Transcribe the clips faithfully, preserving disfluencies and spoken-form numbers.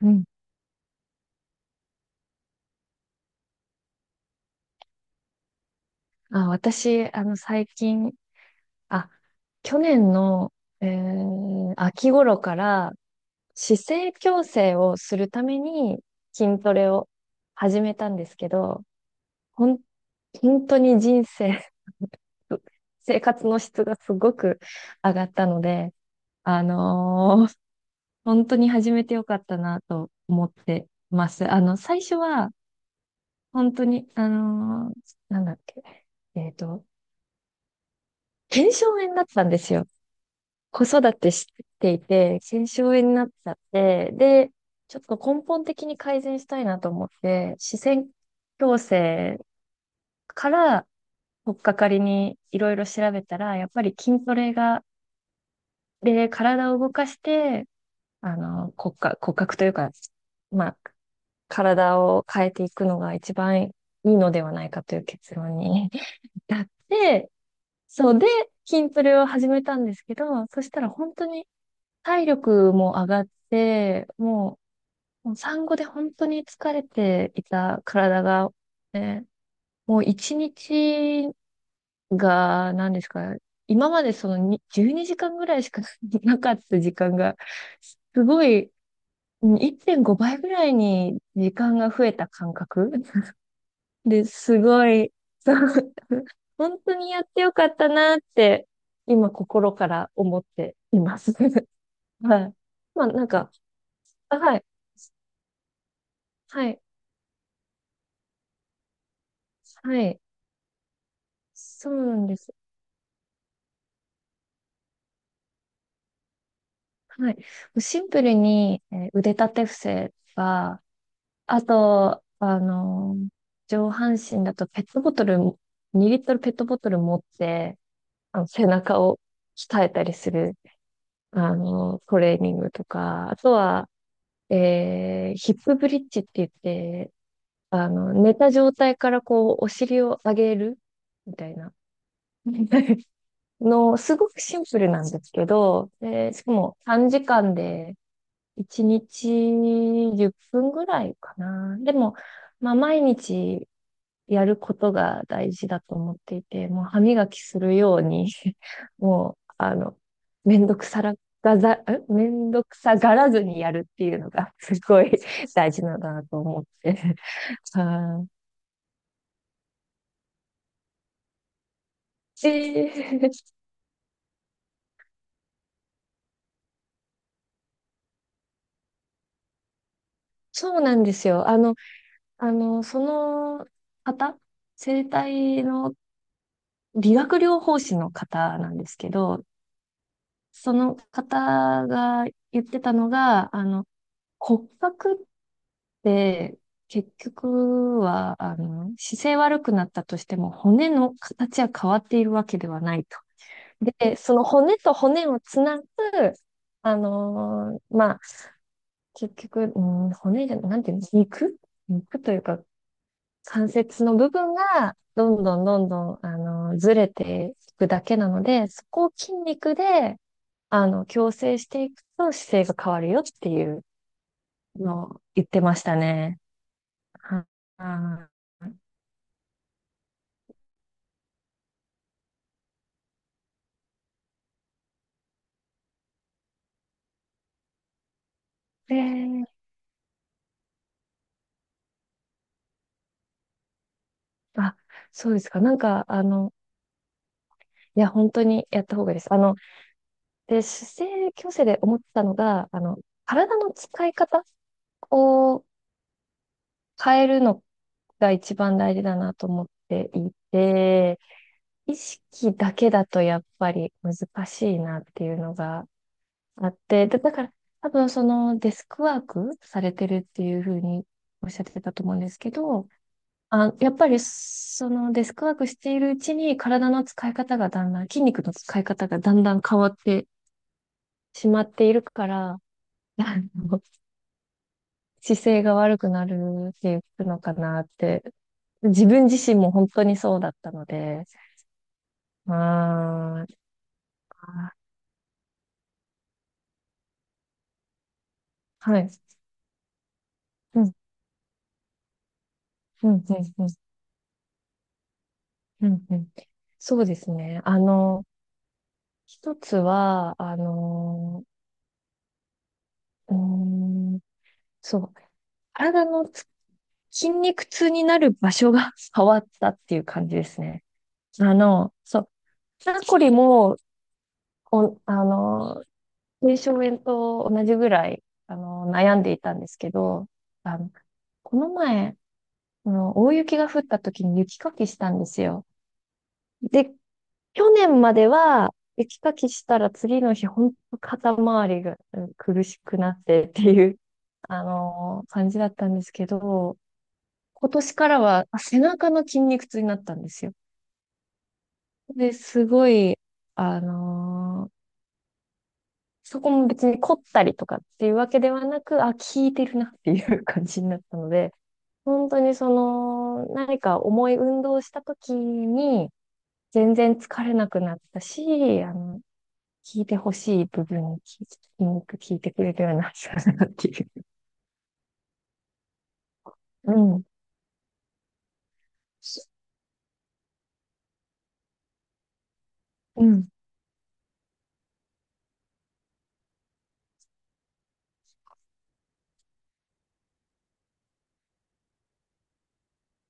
うん。あ、私、あの、最近、あ、去年の、えー秋頃から、姿勢矯正をするために筋トレを始めたんですけど、ほん、本当に人生、生活の質がすごく上がったので、あのー本当に始めてよかったなと思ってます。あの、最初は、本当に、あのーなんだっけ、えっと、腱鞘炎だったんですよ。子育てしていて、腱鞘炎になっちゃって、で、ちょっと根本的に改善したいなと思って、視線矯正から取っかかりにいろいろ調べたら、やっぱり筋トレが、で、体を動かして、あの、骨格、骨格というか、まあ、体を変えていくのが一番いいのではないかという結論に 至って、そうで、筋トレを始めたんですけど、そしたら本当に体力も上がって、もう、もう産後で本当に疲れていた体が、ね、もう一日が、何ですか、今までそのにじゅうにじかんぐらいしか なかった時間が、すごい、うんいってんごばいぐらいに時間が増えた感覚で、すごい、そう 本当にやってよかったなって、今心から思っています。はい。まあなんか、あはい。はい。はい。そうなんです。はい。シンプルに、えー腕立て伏せは、あと、あのー上半身だとペットボトル、にリットルペットボトル持って、あの、背中を鍛えたりする、あのートレーニングとか、あとは、えーヒップブリッジって言って、あの、寝た状態からこう、お尻を上げるみたいな。の、すごくシンプルなんですけど、で、しかも短時間でいちにちじゅっぷんぐらいかな。でも、まあ毎日やることが大事だと思っていて、もう歯磨きするように もう、あの、めんどくさらがざ、んめんどくさがらずにやるっていうのがすごい 大事なんだなと思って はいで、そうなんですよ。あの、あの、その方、生体の理学療法士の方なんですけど、その方が言ってたのが、あの、骨格って結局は、あの、姿勢悪くなったとしても骨の形は変わっているわけではないと。で、その骨と骨をつなぐ、あのーまあ、結局、うん、骨じゃ、なんていうの、肉肉というか、関節の部分がどんどんどんどん、あの、ずれていくだけなので、そこを筋肉で、あの、矯正していくと姿勢が変わるよっていうのを言ってましたね。はあで、あ、そうですか。なんか、あの、いや、本当にやった方がいいです。あの、で、姿勢矯正で思ったのが、あの、体の使い方を変えるのが一番大事だなと思っていて、意識だけだとやっぱり難しいなっていうのがあって、で、だから多分そのデスクワークされてるっていうふうにおっしゃってたと思うんですけど、あ、やっぱりそのデスクワークしているうちに体の使い方がだんだん、筋肉の使い方がだんだん変わってしまっているから、あの姿勢が悪くなるっていうのかなって、自分自身も本当にそうだったので、まあ、はい。うんうんうんうんうんうん。そうですね。あの、一つは、あの、うーん、そう、体のつ筋肉痛になる場所が 変わったっていう感じですね。あの、そう、肩こりも、お、あの、軽症炎と同じぐらい、あの、悩んでいたんですけど、あの、この前、あの、大雪が降った時に雪かきしたんですよ。で、去年までは、雪かきしたら次の日、本当肩周りがうん苦しくなってっていう、あのー感じだったんですけど、今年からはあ背中の筋肉痛になったんですよ。で、すごい、あのーそこも別に凝ったりとかっていうわけではなく、あ、効いてるなっていう感じになったので、本当にその、何か重い運動をした時に、全然疲れなくなったし、あの、聞いてほしい部分を聞きよく聞いてくれるような人だなっていう。うん。そうん。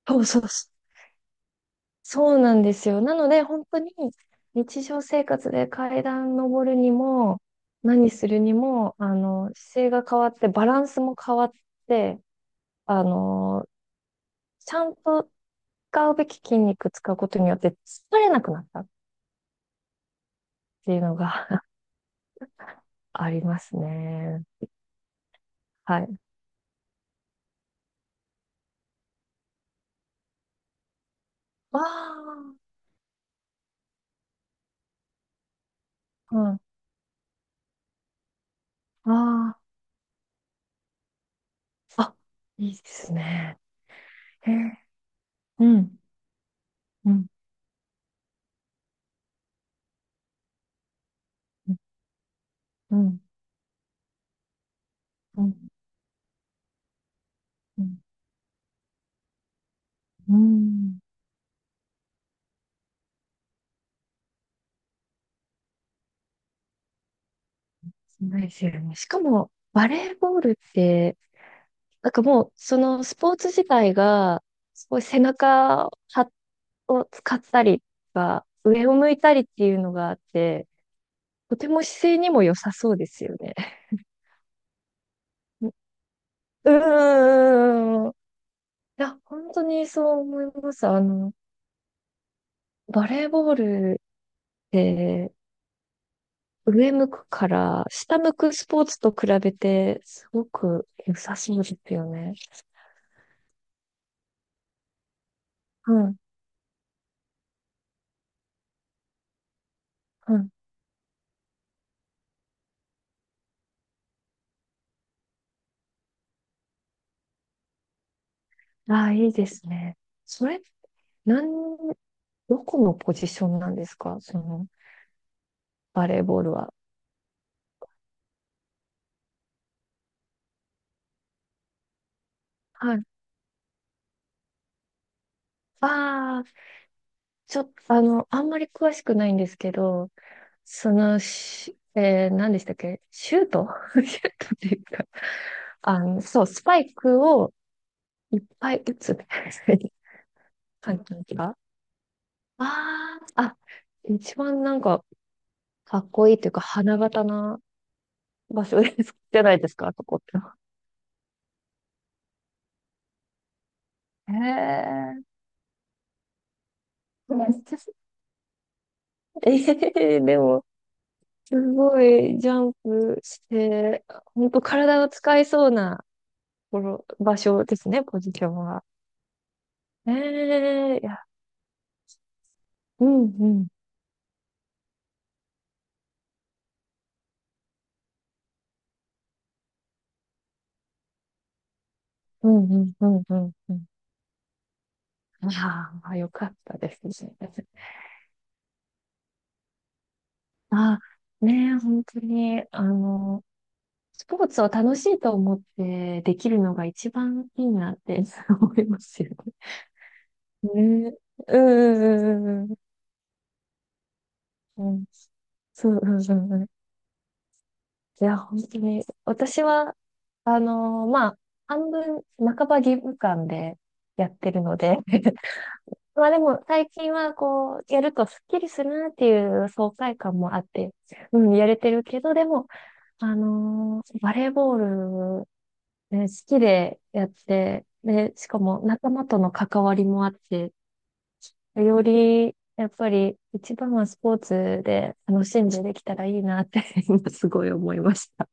そうそうそう。そうなんですよ。なので、本当に日常生活で階段登るにも、何するにも、あの、姿勢が変わって、バランスも変わって、あの、ちゃんと使うべき筋肉使うことによって疲れなくなったっていうのが ありますね。はい。わあ、うん。ああ。あ、いいですね。へえ、うん、うん、うん、うん、うん、うん、そうですよね。しかも、バレーボールって、なんかもう、そのスポーツ自体が、すごい背中はを使ったりとか、上を向いたりっていうのがあって、とても姿勢にも良さそうですよね。ううーん。いや、本当にそう思います。あの、バレーボールって、上向くから下向くスポーツと比べてすごく良さそうですよね。うん、うん。ああ、いいですね。それ、なん、どこのポジションなんですかその、バレーボールは。はい。ああ、ちょっと、あの、あんまり詳しくないんですけど、その、しえー、何でしたっけシュート シュートっていうか、あの、そう、スパイクをいっぱい打つみたいな感じですかああ、あ、一番なんか、かっこいいというか、花形な場所です、じゃないですか、そこって。へえ。めっちゃ、ええでも、すごいジャンプして、本当体を使いそうなところ、場所ですね、ポジションは。ええいや、うん、うん、うん、うん、うん、うんうん。ああ、よかったですね。あ、ねえ、本当に、あのスポーツを楽しいと思ってできるのが一番いいなって 思いますよね。ね。うんうんうんうん。うんそううんうんうん。いや、本当に、私は、あのーまあ、半分、半ば義務感でやってるので まあでも、最近はこう、やるとスッキリするなっていう爽快感もあって、うん、やれてるけど、でも、あのーバレーボールね、好きでやって、で、しかも仲間との関わりもあって、より、やっぱり一番はスポーツで楽しんでできたらいいなって今すごい思いました。